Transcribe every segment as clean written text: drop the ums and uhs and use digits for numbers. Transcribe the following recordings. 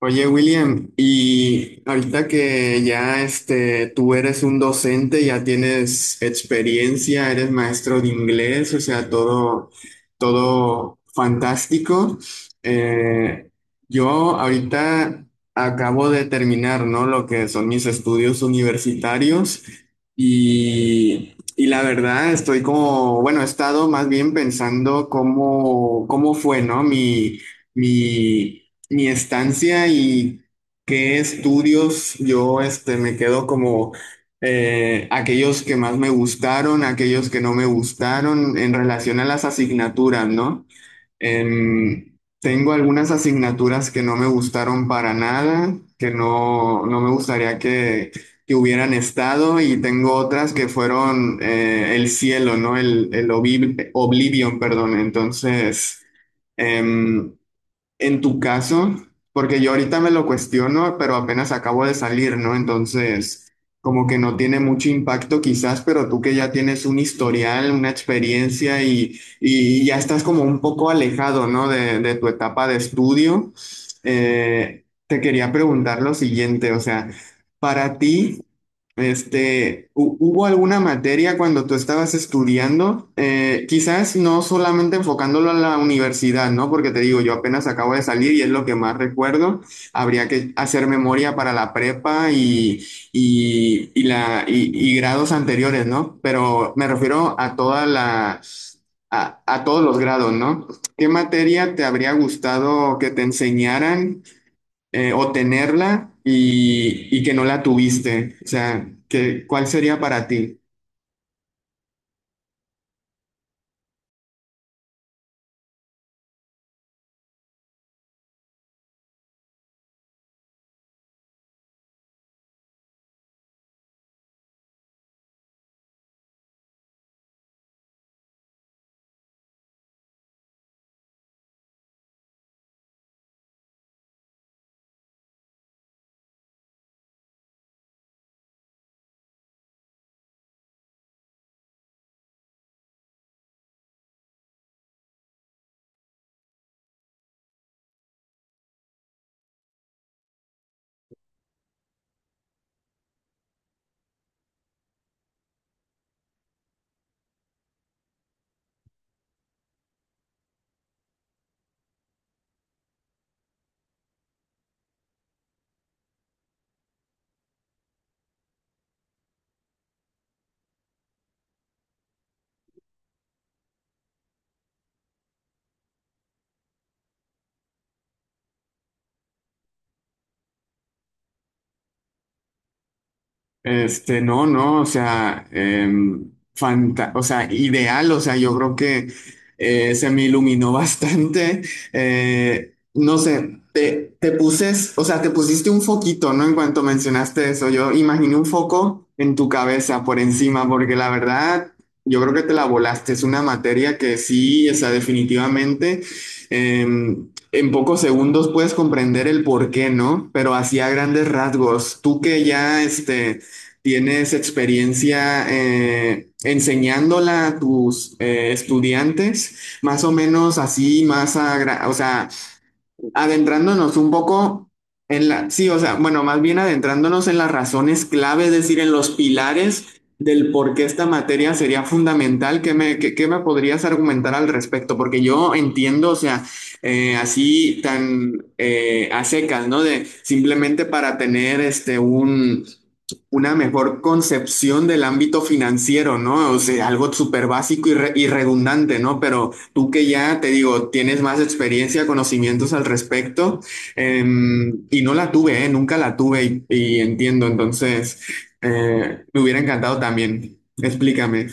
Oye, William, y ahorita que ya tú eres un docente, ya tienes experiencia, eres maestro de inglés, o sea, todo, todo fantástico. Eh, yo ahorita acabo de terminar, ¿no? Lo que son mis estudios universitarios y la verdad estoy como, bueno, he estado más bien pensando cómo, cómo fue, ¿no? Mi mi estancia y qué estudios yo me quedo como aquellos que más me gustaron, aquellos que no me gustaron en relación a las asignaturas, ¿no? Tengo algunas asignaturas que no me gustaron para nada, que no, no me gustaría que hubieran estado, y tengo otras que fueron el cielo, ¿no? Oblivion, perdón. Entonces... Em, en tu caso, porque yo ahorita me lo cuestiono, pero apenas acabo de salir, ¿no? Entonces, como que no tiene mucho impacto quizás, pero tú que ya tienes un historial, una experiencia, y ya estás como un poco alejado, ¿no? De tu etapa de estudio, te quería preguntar lo siguiente, o sea, para ti... ¿Hubo alguna materia cuando tú estabas estudiando? Quizás no solamente enfocándolo a la universidad, ¿no? Porque te digo, yo apenas acabo de salir y es lo que más recuerdo. Habría que hacer memoria para la prepa y grados anteriores, ¿no? Pero me refiero a toda la, a todos los grados, ¿no? ¿Qué materia te habría gustado que te enseñaran o tenerla y que no la tuviste? O sea, ¿qué, cuál sería para ti? Este, no, no, o sea, o sea, ideal, o sea, yo creo que se me iluminó bastante. No sé, te puses, o sea, te pusiste un foquito, ¿no? En cuanto mencionaste eso, yo imaginé un foco en tu cabeza por encima, porque la verdad, yo creo que te la volaste. Es una materia que sí, o sea, definitivamente. En pocos segundos puedes comprender el por qué, ¿no? Pero así a grandes rasgos, tú que ya ¿tienes experiencia enseñándola a tus estudiantes? Más o menos así, o sea, adentrándonos un poco en sí, o sea, bueno, más bien adentrándonos en las razones clave, es decir, en los pilares del por qué esta materia sería fundamental, ¿qué me, qué me podrías argumentar al respecto? Porque yo entiendo, o sea, así tan a secas, ¿no? De simplemente para tener un una mejor concepción del ámbito financiero, ¿no? O sea, algo súper básico y, y redundante, ¿no? Pero tú que ya, te digo, tienes más experiencia, conocimientos al respecto, eh, y no la tuve, nunca la tuve y entiendo, entonces me hubiera encantado también. Explícame.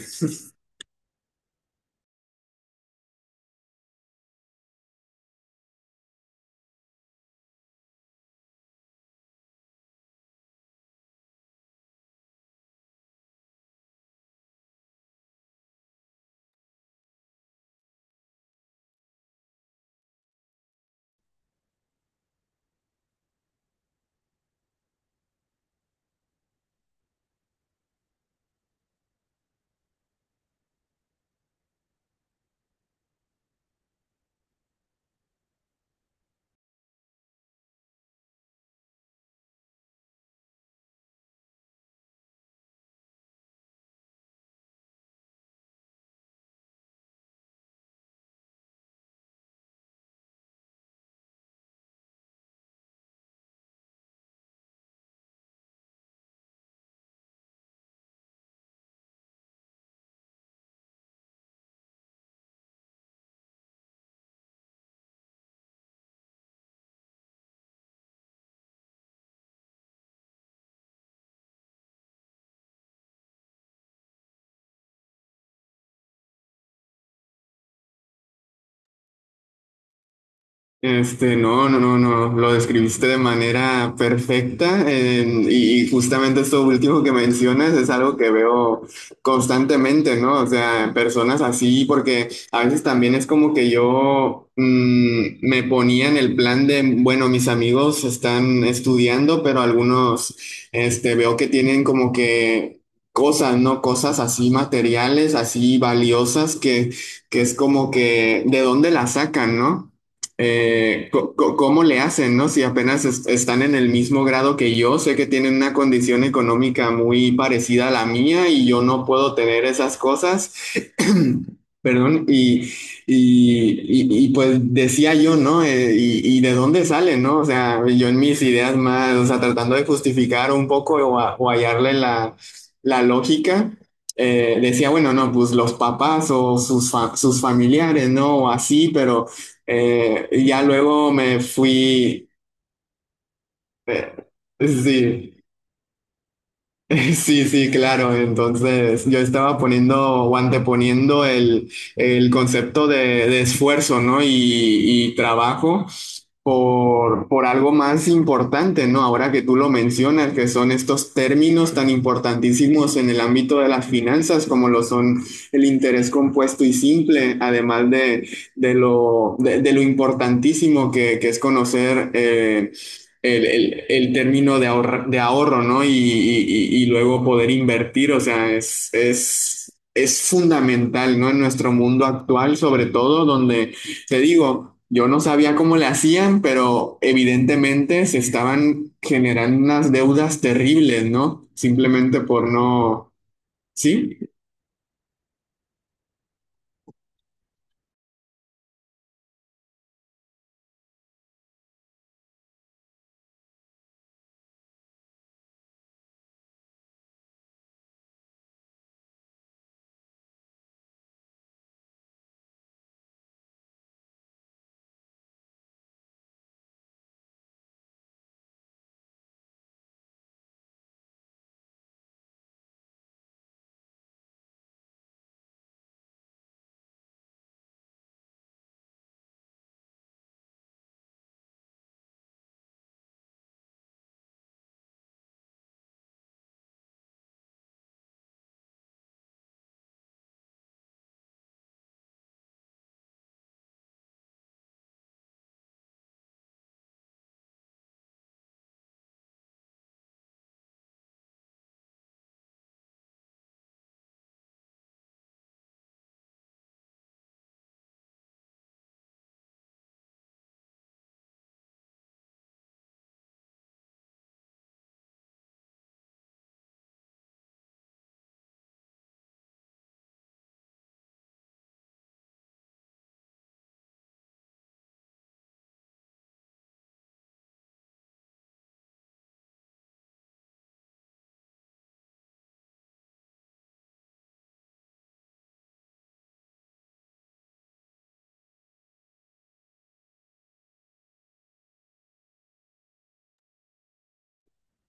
Este, no, no, no, no, lo describiste de manera perfecta, y justamente esto último que mencionas es algo que veo constantemente, ¿no? O sea, personas así, porque a veces también es como que yo me ponía en el plan de, bueno, mis amigos están estudiando, pero algunos, veo que tienen como que cosas, ¿no? Cosas así materiales, así valiosas que es como que, ¿de dónde las sacan, ¿no? ¿Cómo le hacen, no? Si apenas están en el mismo grado que yo, sé que tienen una condición económica muy parecida a la mía y yo no puedo tener esas cosas. Perdón, pues decía yo, ¿no? Y de dónde sale, ¿no? O sea, yo en mis ideas más, o sea, tratando de justificar un poco o, o hallarle la, la lógica, decía, bueno, no, pues los papás o sus, sus familiares, ¿no? O así, pero y ya luego me fui, eh, sí, sí, sí, claro. Entonces yo estaba poniendo o anteponiendo el concepto de esfuerzo, ¿no? Y trabajo por algo más importante, ¿no? Ahora que tú lo mencionas, que son estos términos tan importantísimos en el ámbito de las finanzas, como lo son el interés compuesto y simple, además de lo importantísimo que es conocer. El término de ahorro, ¿no? Y luego poder invertir, o sea, es fundamental, ¿no? En nuestro mundo actual, sobre todo, donde, te digo, yo no sabía cómo le hacían, pero evidentemente se estaban generando unas deudas terribles, ¿no? Simplemente por no, ¿sí?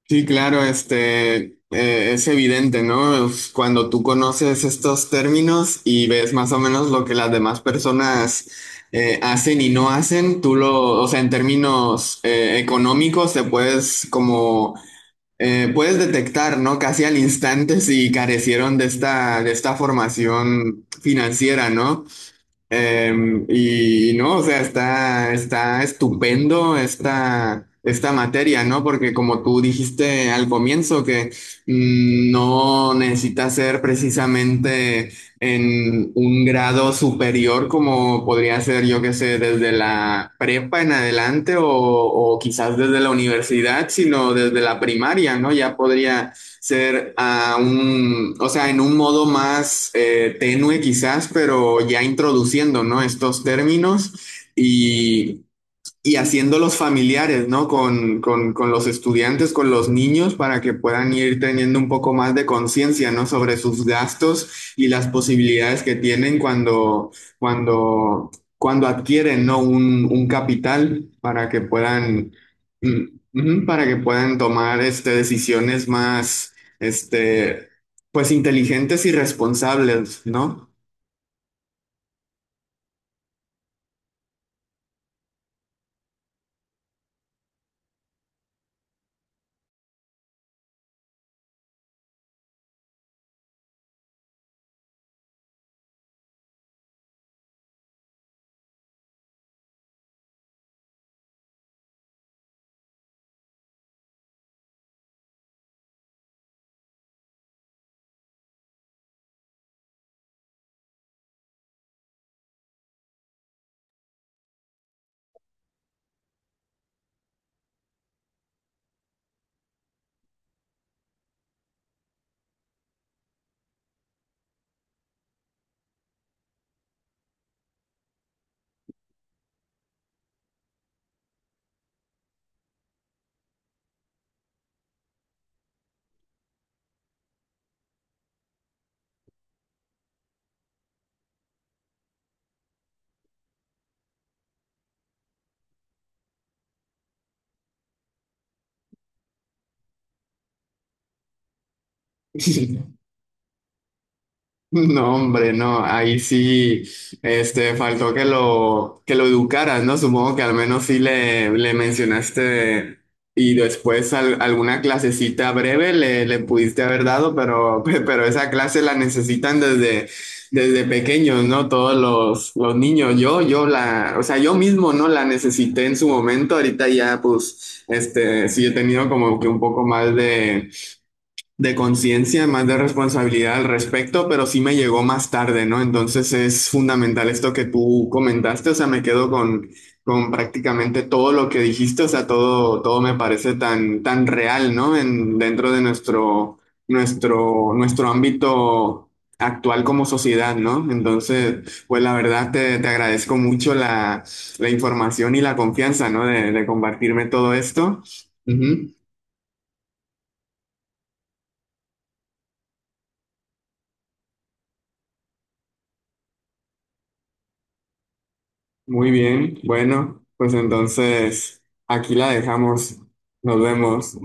Sí, claro, es evidente, ¿no? Es cuando tú conoces estos términos y ves más o menos lo que las demás personas hacen y no hacen, tú lo, o sea, en términos económicos te puedes como, puedes detectar, ¿no? Casi al instante si carecieron de esta formación financiera, ¿no? Y no, o sea, está, está estupendo esta, esta materia, ¿no? Porque como tú dijiste al comienzo, que no necesita ser precisamente en un grado superior como podría ser, yo que sé, desde la prepa en adelante o quizás desde la universidad, sino desde la primaria, ¿no? Ya podría ser a un, o sea, en un modo más tenue quizás, pero ya introduciendo, ¿no? Estos términos y y haciendo los familiares, ¿no? Con, con los estudiantes, con los niños, para que puedan ir teniendo un poco más de conciencia, ¿no? Sobre sus gastos y las posibilidades que tienen cuando, cuando, cuando adquieren, ¿no? Un capital para que puedan, para que puedan tomar, decisiones más, pues inteligentes y responsables, ¿no? No, hombre, no, ahí sí, faltó que lo educaras, ¿no? Supongo que al menos sí le mencionaste y después alguna clasecita breve le, le pudiste haber dado, pero, pero esa clase la necesitan desde, desde pequeños, ¿no? Todos los niños, yo la, o sea, yo mismo no la necesité en su momento, ahorita ya, pues, sí he tenido como que un poco más de conciencia, más de responsabilidad al respecto, pero sí me llegó más tarde, ¿no? Entonces es fundamental esto que tú comentaste, o sea, me quedo con prácticamente todo lo que dijiste, o sea, todo, todo me parece tan, tan real, ¿no? En, dentro de nuestro, nuestro, nuestro ámbito actual como sociedad, ¿no? Entonces, pues la verdad te, te agradezco mucho la, la información y la confianza, ¿no? De compartirme todo esto. Ujú. Muy bien, bueno, pues entonces aquí la dejamos. Nos vemos.